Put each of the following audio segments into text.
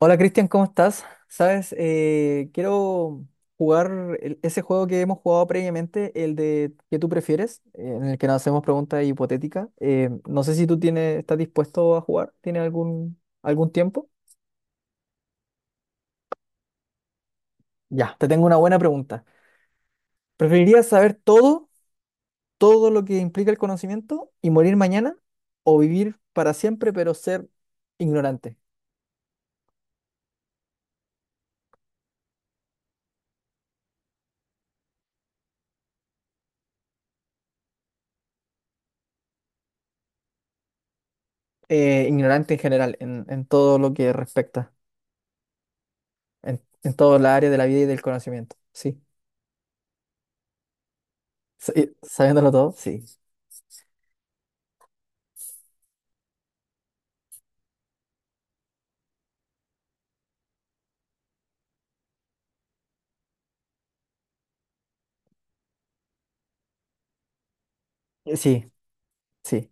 Hola Cristian, ¿cómo estás? Sabes, quiero jugar ese juego que hemos jugado previamente, el de ¿qué tú prefieres? En el que nos hacemos preguntas hipotéticas. No sé si tú tienes, estás dispuesto a jugar, ¿tienes algún tiempo? Ya, te tengo una buena pregunta. ¿Preferirías saber todo, todo lo que implica el conocimiento y morir mañana o vivir para siempre pero ser ignorante? Ignorante en general, en todo lo que respecta, en toda la área de la vida y del conocimiento. Sí. Sí, sabiéndolo todo, sí. Sí, sí.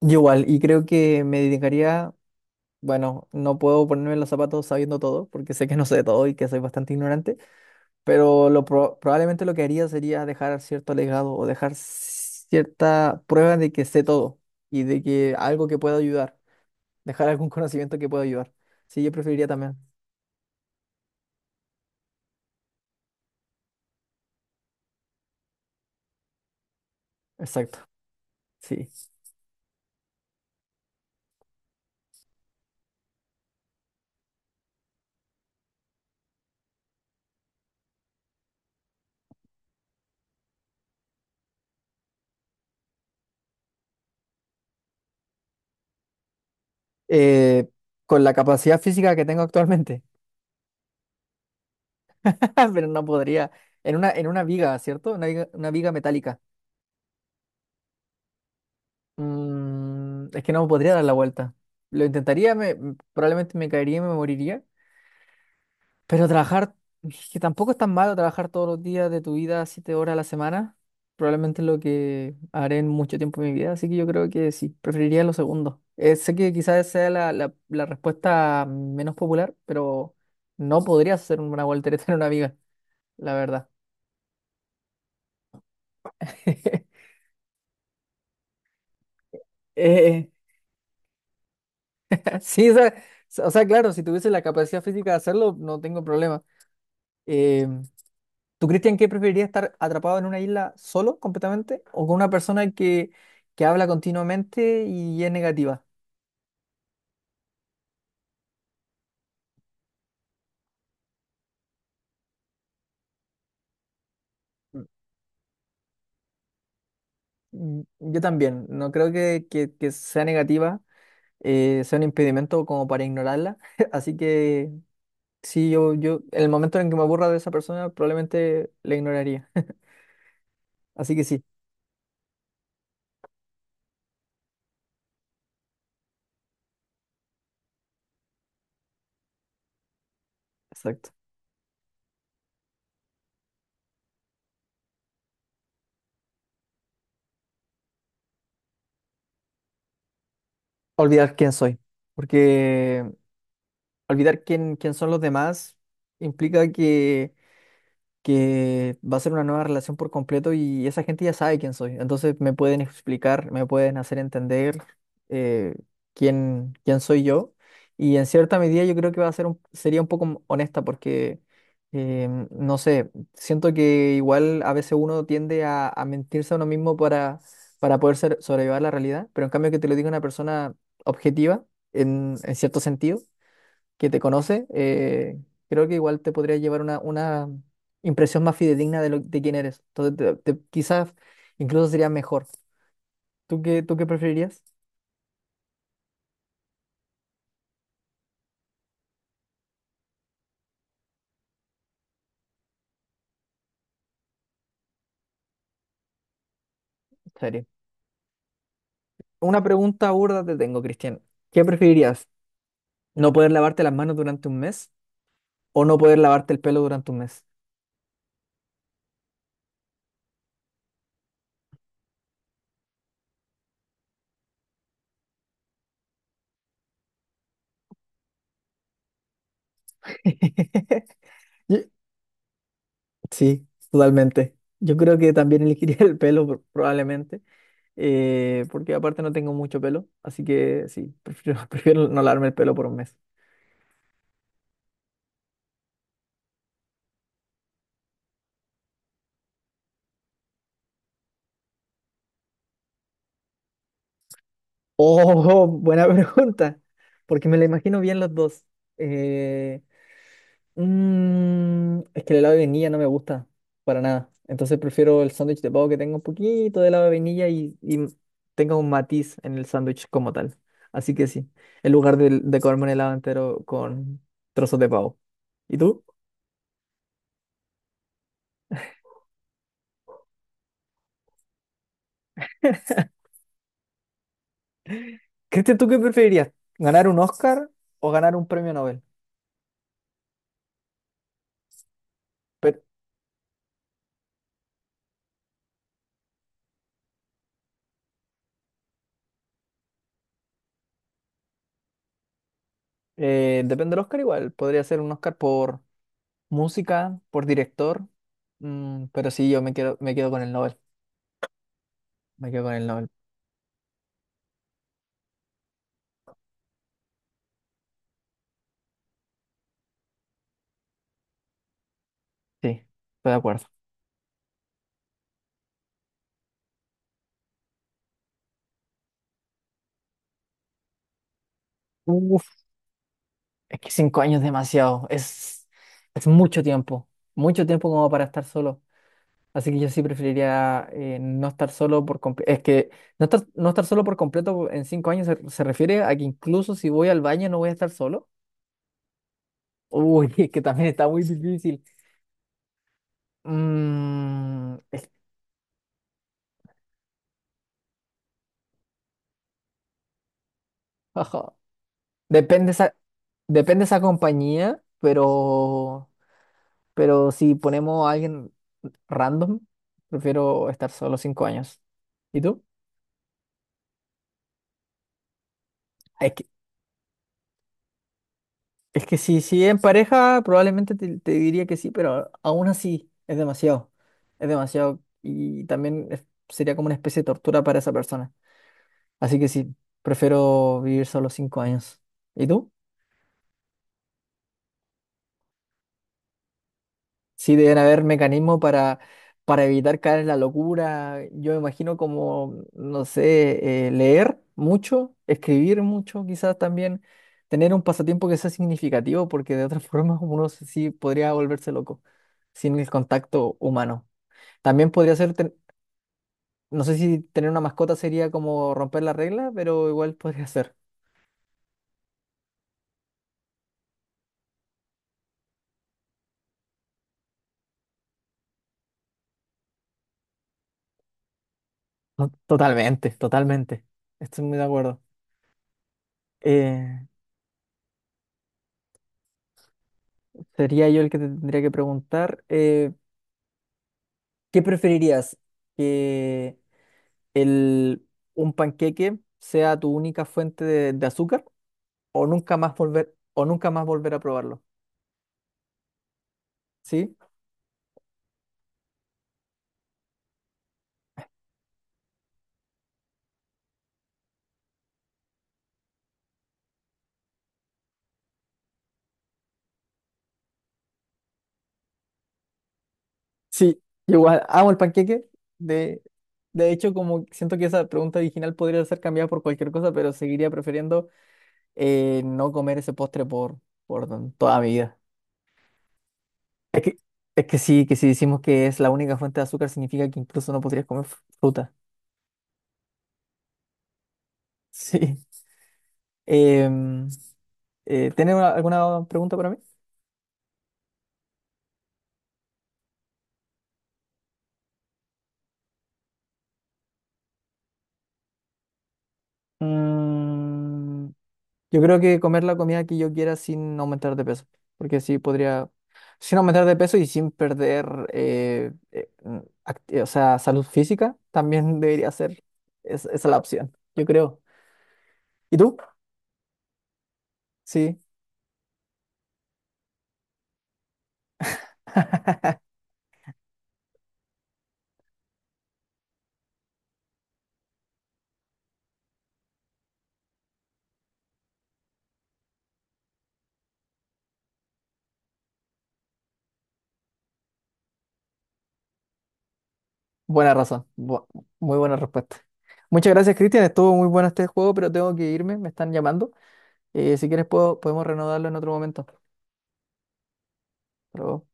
Yo igual, y creo que me dedicaría, bueno, no puedo ponerme los zapatos sabiendo todo, porque sé que no sé todo y que soy bastante ignorante, pero probablemente lo que haría sería dejar cierto legado o dejar cierta prueba de que sé todo y de que algo que pueda ayudar, dejar algún conocimiento que pueda ayudar. Sí, yo preferiría también. Exacto, sí. Eh, con la capacidad física que tengo actualmente. Pero no podría. En una viga, ¿cierto? Una viga metálica. Mm, es que no podría dar la vuelta. Lo intentaría, me, probablemente me caería y me moriría. Pero trabajar, es que tampoco es tan malo trabajar todos los días de tu vida, siete horas a la semana. Probablemente es lo que haré en mucho tiempo de mi vida. Así que yo creo que sí, preferiría lo segundo. Sé que quizás sea la respuesta menos popular, pero no podrías hacer una voltereta en una viga, la verdad. Eh, Sí, o sea, o sea, claro, si tuviese la capacidad física de hacerlo, no tengo problema. Eh, ¿Tú, Cristian, qué preferirías estar atrapado en una isla solo completamente o con una persona que habla continuamente y es negativa? Mm, mm, yo también, no creo que sea negativa, sea un impedimento como para ignorarla. Así que sí, yo, en el momento en que me aburra de esa persona, probablemente la ignoraría. Así que sí, exacto. Olvidar quién soy, porque olvidar quién son los demás implica que va a ser una nueva relación por completo y esa gente ya sabe quién soy. Entonces me pueden explicar, me pueden hacer entender eh, quién soy yo. Y en cierta medida yo creo que va a ser sería un poco honesta porque, no sé, siento que igual a veces uno tiende a mentirse a uno mismo para poder sobrellevar la realidad, pero en cambio que te lo diga una persona objetiva en cierto sentido que te conoce, creo que igual te podría llevar una impresión más fidedigna de, lo, de quién eres. Entonces, quizás incluso sería mejor. Tú qué preferirías? Serio. Una pregunta burda te tengo, Cristian. ¿Qué preferirías? ¿No poder lavarte las manos durante un mes o no poder lavarte el pelo durante un mes? Yo- Sí, totalmente. Yo creo que también elegiría el pelo probablemente, porque aparte no tengo mucho pelo, así que sí, prefiero, prefiero no lavarme el pelo por un mes. Oh, buena pregunta, porque me la imagino bien los dos. Eh, mm, es que el helado de vainilla no me gusta para nada, entonces prefiero el sándwich de pavo que tenga un poquito de helado de vainilla y tenga un matiz en el sándwich como tal. Así que sí, en lugar de comerme un helado entero con trozos de pavo. ¿Y tú? Cristian, ¿tú qué preferirías? ¿Ganar un Oscar o ganar un premio Nobel? Pero, depende del Oscar igual, podría ser un Oscar por... Música por director, mm, pero sí, me quedo con el Nobel. Me quedo con el Nobel. Sí, estoy de acuerdo. Uf, es que cinco años es demasiado. Es mucho tiempo. Mucho tiempo como para estar solo. Así que yo sí preferiría no estar solo por completo. Es que no estar solo por completo en cinco años se refiere a que incluso si voy al baño no voy a estar solo. Uy, es que también está muy difícil. Mm, es- Depende esa, depende esa compañía, pero si ponemos a alguien random, prefiero estar solo cinco años. ¿Y tú? Es que, es que si en pareja, probablemente te diría que sí, pero aún así es demasiado. Es demasiado y también sería como una especie de tortura para esa persona. Así que sí, prefiero vivir solo cinco años. ¿Y tú? Sí, deben haber mecanismos para evitar caer en la locura. Yo me imagino como, no sé, leer mucho, escribir mucho, quizás también tener un pasatiempo que sea significativo, porque de otra forma uno sí podría volverse loco sin el contacto humano. También podría ser, no sé si tener una mascota sería como romper la regla, pero igual podría ser. No, totalmente, totalmente. Estoy muy de acuerdo. Eh, sería yo el que te tendría que preguntar. ¿Qué preferirías? ¿Que el, un panqueque sea tu única fuente de azúcar o nunca más volver, o nunca más volver a probarlo? ¿Sí? Sí, igual amo el panqueque. De, de hecho, como siento que esa pregunta original podría ser cambiada por cualquier cosa, pero seguiría prefiriendo no comer ese postre por toda mi vida. Es que, es que sí, que si decimos que es la única fuente de azúcar significa que incluso no podrías comer fruta. Sí. Em, ¿Tienes alguna pregunta para mí? Mm, yo creo que comer la comida que yo quiera sin aumentar de peso, porque así podría, sin aumentar de peso y sin perder, eh, eh, mm, o sea, salud física, también debería ser esa la opción, yo creo. ¿Y tú? Sí, buena razón, muy buena respuesta. Muchas gracias, Cristian, estuvo muy bueno este juego, pero tengo que irme, me están llamando. Si quieres podemos renovarlo en otro momento. Hasta luego.